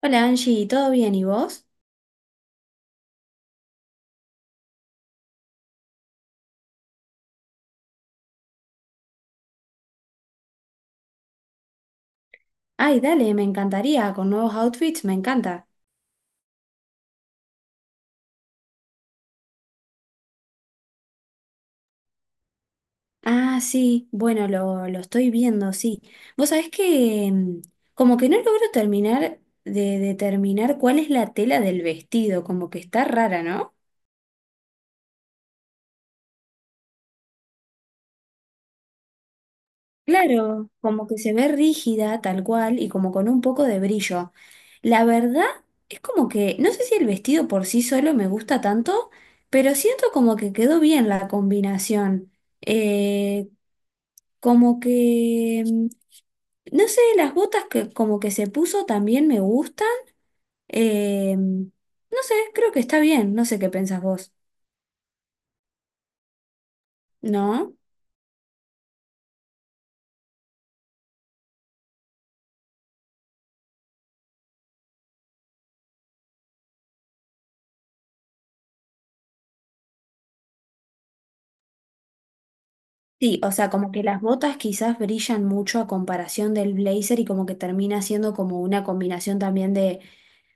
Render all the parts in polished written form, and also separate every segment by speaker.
Speaker 1: Hola Angie, ¿todo bien y vos? Ay, dale, me encantaría, con nuevos outfits, me encanta. Ah, sí, bueno, lo estoy viendo, sí. Vos sabés que como que no logro terminar de determinar cuál es la tela del vestido, como que está rara, ¿no? Claro, como que se ve rígida, tal cual, y como con un poco de brillo. La verdad es como que, no sé si el vestido por sí solo me gusta tanto, pero siento como que quedó bien la combinación. Eh, Como que, no sé, las botas que como que se puso también me gustan. No sé, creo que está bien, no sé qué pensás vos, ¿no? Sí, o sea, como que las botas quizás brillan mucho a comparación del blazer y como que termina siendo como una combinación también de,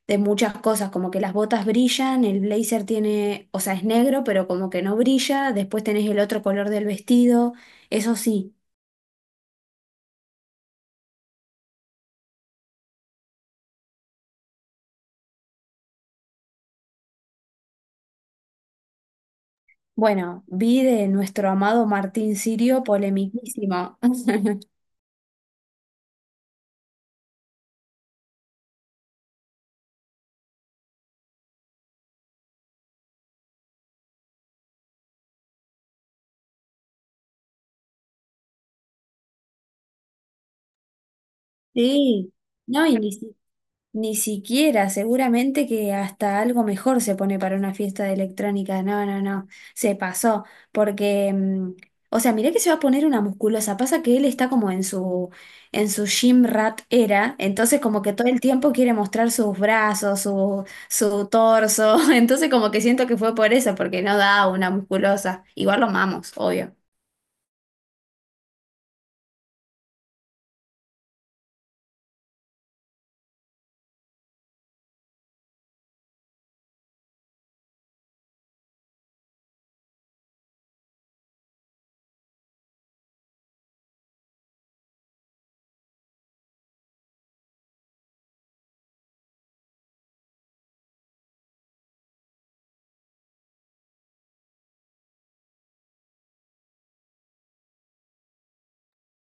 Speaker 1: de muchas cosas, como que las botas brillan, el blazer tiene, o sea, es negro, pero como que no brilla, después tenés el otro color del vestido, eso sí. Bueno, vi de nuestro amado Martín Sirio polemiquísimo. Sí, no, y ni siquiera, seguramente que hasta algo mejor se pone para una fiesta de electrónica. No, no, no, se pasó. Porque, o sea, mirá que se va a poner una musculosa. Pasa que él está como en su gym rat era, entonces como que todo el tiempo quiere mostrar sus brazos, su torso. Entonces como que siento que fue por eso, porque no da una musculosa. Igual lo amamos, obvio.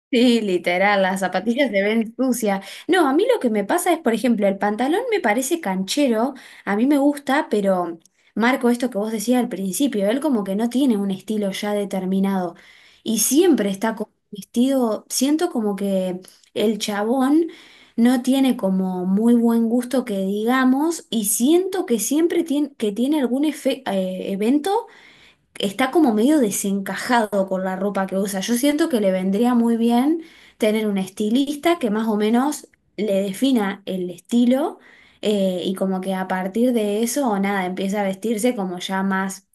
Speaker 1: Sí, literal, las zapatillas se ven sucias. No, a mí lo que me pasa es, por ejemplo, el pantalón me parece canchero, a mí me gusta, pero marco esto que vos decías al principio, él como que no tiene un estilo ya determinado y siempre está con vestido, siento como que el chabón no tiene como muy buen gusto que digamos y siento que siempre tiene, que tiene algún evento está como medio desencajado con la ropa que usa. Yo siento que le vendría muy bien tener un estilista que más o menos le defina el estilo y como que a partir de eso o nada, empieza a vestirse como ya más,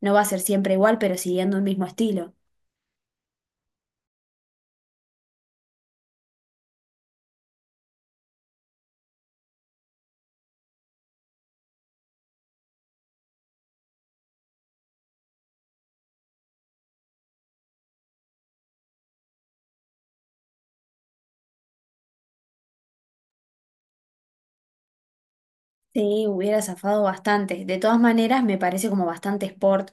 Speaker 1: no va a ser siempre igual, pero siguiendo el mismo estilo. Sí, hubiera zafado bastante. De todas maneras, me parece como bastante sport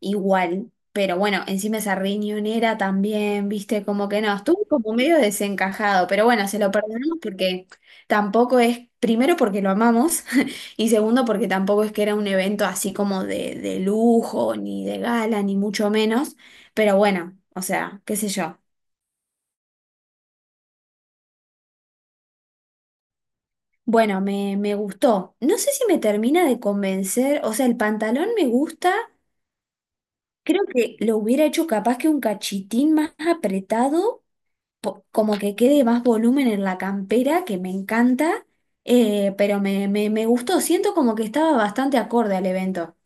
Speaker 1: igual, pero bueno, encima esa riñonera también, viste, como que no, estuvo como medio desencajado, pero bueno, se lo perdonamos porque tampoco es, primero porque lo amamos y segundo porque tampoco es que era un evento así como de lujo, ni de gala, ni mucho menos, pero bueno, o sea, qué sé yo. Bueno, me gustó. No sé si me termina de convencer, o sea, el pantalón me gusta, creo que lo hubiera hecho capaz que un cachitín más apretado. Como que quede más volumen en la campera, que me encanta, pero me gustó, siento como que estaba bastante acorde al evento.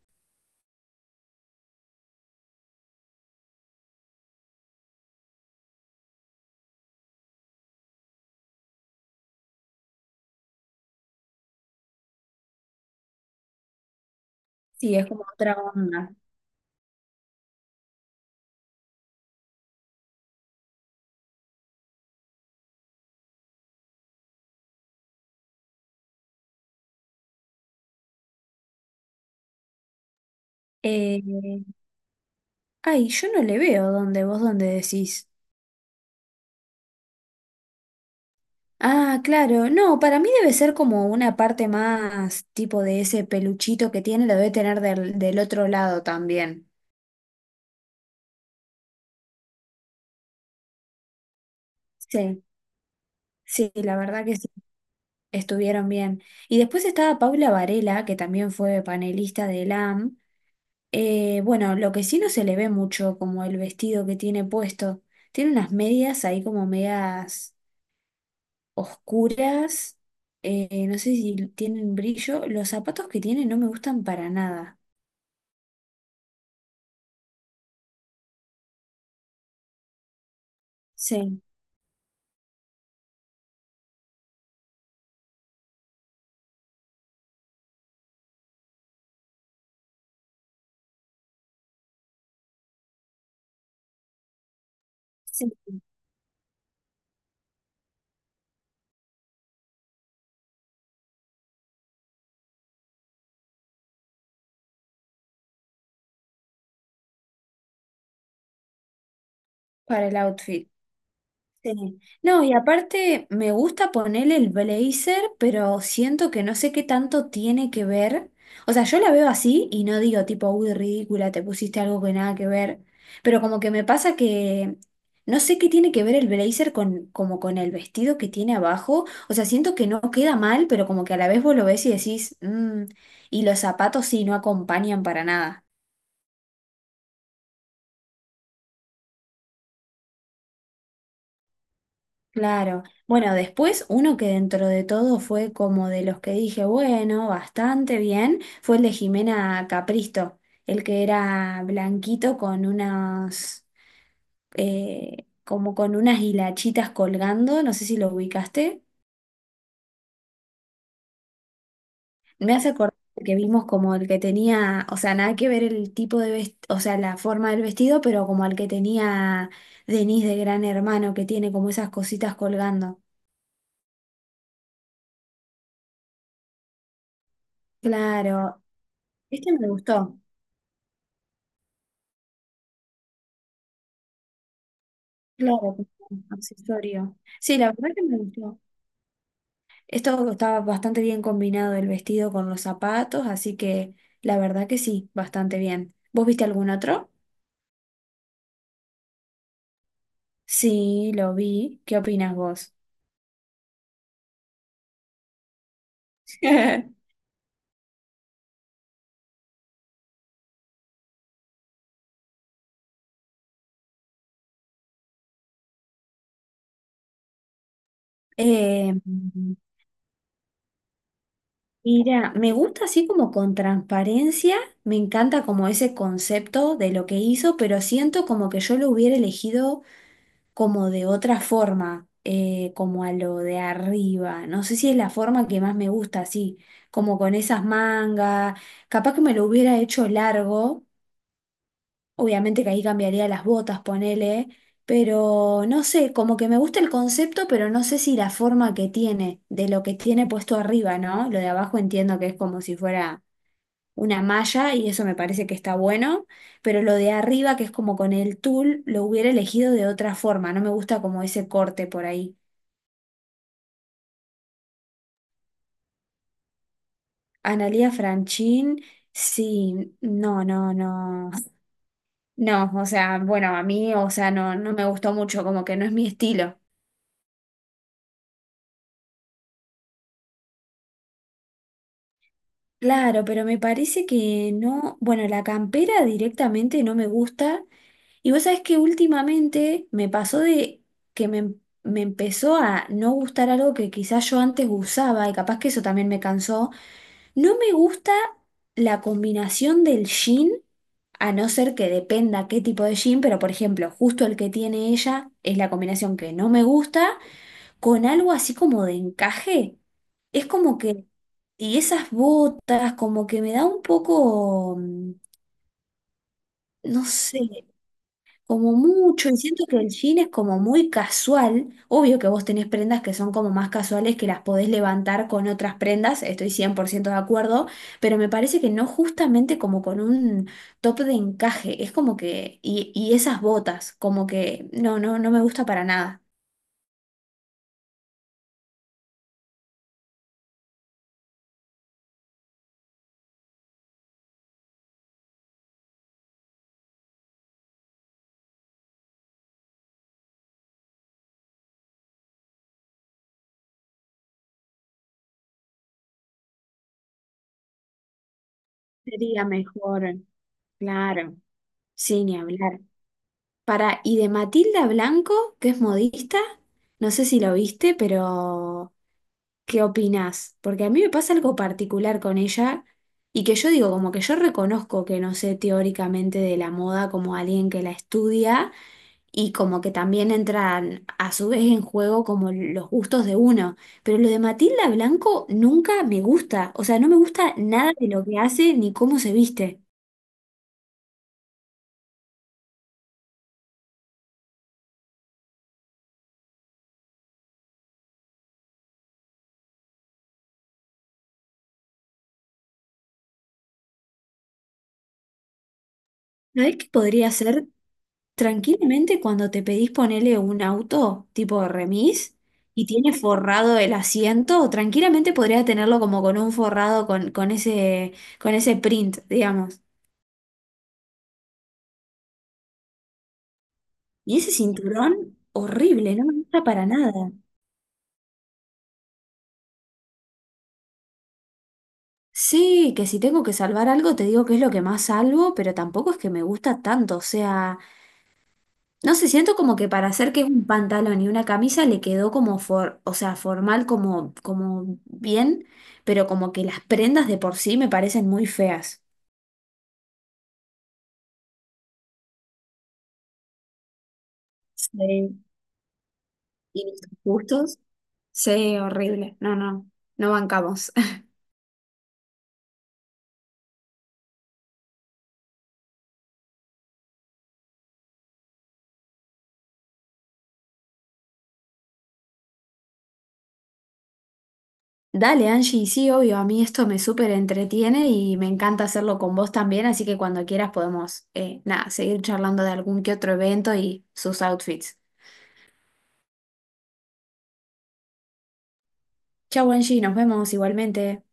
Speaker 1: Sí, es como otra onda. Eh, Ay, yo no le veo dónde, vos dónde decís. Ah, claro, no, para mí debe ser como una parte más tipo de ese peluchito que tiene, lo debe tener del otro lado también. Sí, sí, la verdad que sí, estuvieron bien. Y después estaba Paula Varela, que también fue panelista de LAM. Bueno, lo que sí no se le ve mucho, como el vestido que tiene puesto. Tiene unas medias ahí como medias oscuras. No sé si tienen brillo. Los zapatos que tiene no me gustan para nada. Sí, sí, para el outfit. Sí. No, y aparte me gusta ponerle el blazer, pero siento que no sé qué tanto tiene que ver. O sea, yo la veo así y no digo tipo, uy, ridícula, te pusiste algo que nada que ver. Pero como que me pasa que no sé qué tiene que ver el blazer con, como con el vestido que tiene abajo. O sea, siento que no queda mal, pero como que a la vez vos lo ves y decís, "Mm", y los zapatos sí no acompañan para nada. Claro. Bueno, después uno que dentro de todo fue como de los que dije, bueno, bastante bien, fue el de Jimena Capristo, el que era blanquito con unas, como con unas hilachitas colgando, no sé si lo ubicaste. Me hace acordar que vimos como el que tenía, o sea, nada que ver el tipo de vestido, o sea, la forma del vestido, pero como el que tenía Denise de Gran Hermano, que tiene como esas cositas colgando. Claro. Este me gustó. Claro, como accesorio. Sí, la verdad que me gustó. Esto estaba bastante bien combinado el vestido con los zapatos, así que la verdad que sí, bastante bien. ¿Vos viste algún otro? Sí, lo vi. ¿Qué opinas vos? Eh, Mira, me gusta así como con transparencia, me encanta como ese concepto de lo que hizo, pero siento como que yo lo hubiera elegido como de otra forma, como a lo de arriba. No sé si es la forma que más me gusta, así, como con esas mangas. Capaz que me lo hubiera hecho largo, obviamente que ahí cambiaría las botas, ponele, pero no sé, como que me gusta el concepto, pero no sé si la forma que tiene, de lo que tiene puesto arriba, ¿no? Lo de abajo entiendo que es como si fuera una malla y eso me parece que está bueno, pero lo de arriba, que es como con el tul, lo hubiera elegido de otra forma, no me gusta como ese corte por ahí. Analía Franchín, sí, no, no, no, no, o sea, bueno, a mí, o sea, no, no me gustó mucho, como que no es mi estilo. Claro, pero me parece que no, bueno, la campera directamente no me gusta. Y vos sabés que últimamente me pasó de que me empezó a no gustar algo que quizás yo antes usaba y capaz que eso también me cansó. No me gusta la combinación del jean, a no ser que dependa qué tipo de jean, pero por ejemplo, justo el que tiene ella es la combinación que no me gusta con algo así como de encaje. Es como que, y esas botas, como que me da un poco, no sé, como mucho, y siento que el jean es como muy casual. Obvio que vos tenés prendas que son como más casuales, que las podés levantar con otras prendas, estoy 100% de acuerdo, pero me parece que no justamente como con un top de encaje, es como que, y esas botas, como que, no, no, no me gusta para nada. Sería mejor, claro, sin ni hablar. Y de Matilda Blanco, que es modista, no sé si lo viste, pero ¿qué opinás? Porque a mí me pasa algo particular con ella y que yo digo, como que yo reconozco que no sé teóricamente de la moda como alguien que la estudia y como que también entran a su vez en juego como los gustos de uno, pero lo de Matilda Blanco nunca me gusta, o sea, no me gusta nada de lo que hace ni cómo se viste. ¿Sabés qué podría ser? Tranquilamente cuando te pedís ponerle un auto tipo remis y tiene forrado el asiento, tranquilamente podrías tenerlo como con un forrado con ese print, digamos. Y ese cinturón, horrible, no me gusta para nada. Sí, que si tengo que salvar algo, te digo que es lo que más salvo, pero tampoco es que me gusta tanto, o sea, no sé, siento como que para hacer que es un pantalón y una camisa le quedó como o sea, formal como bien, pero como que las prendas de por sí me parecen muy feas. Sí. Y nuestros gustos. Sí, horrible. No, no, no bancamos. Dale, Angie, sí, obvio, a mí esto me súper entretiene y me encanta hacerlo con vos también, así que cuando quieras podemos, nada, seguir charlando de algún que otro evento y sus outfits. Chau, Angie, nos vemos igualmente.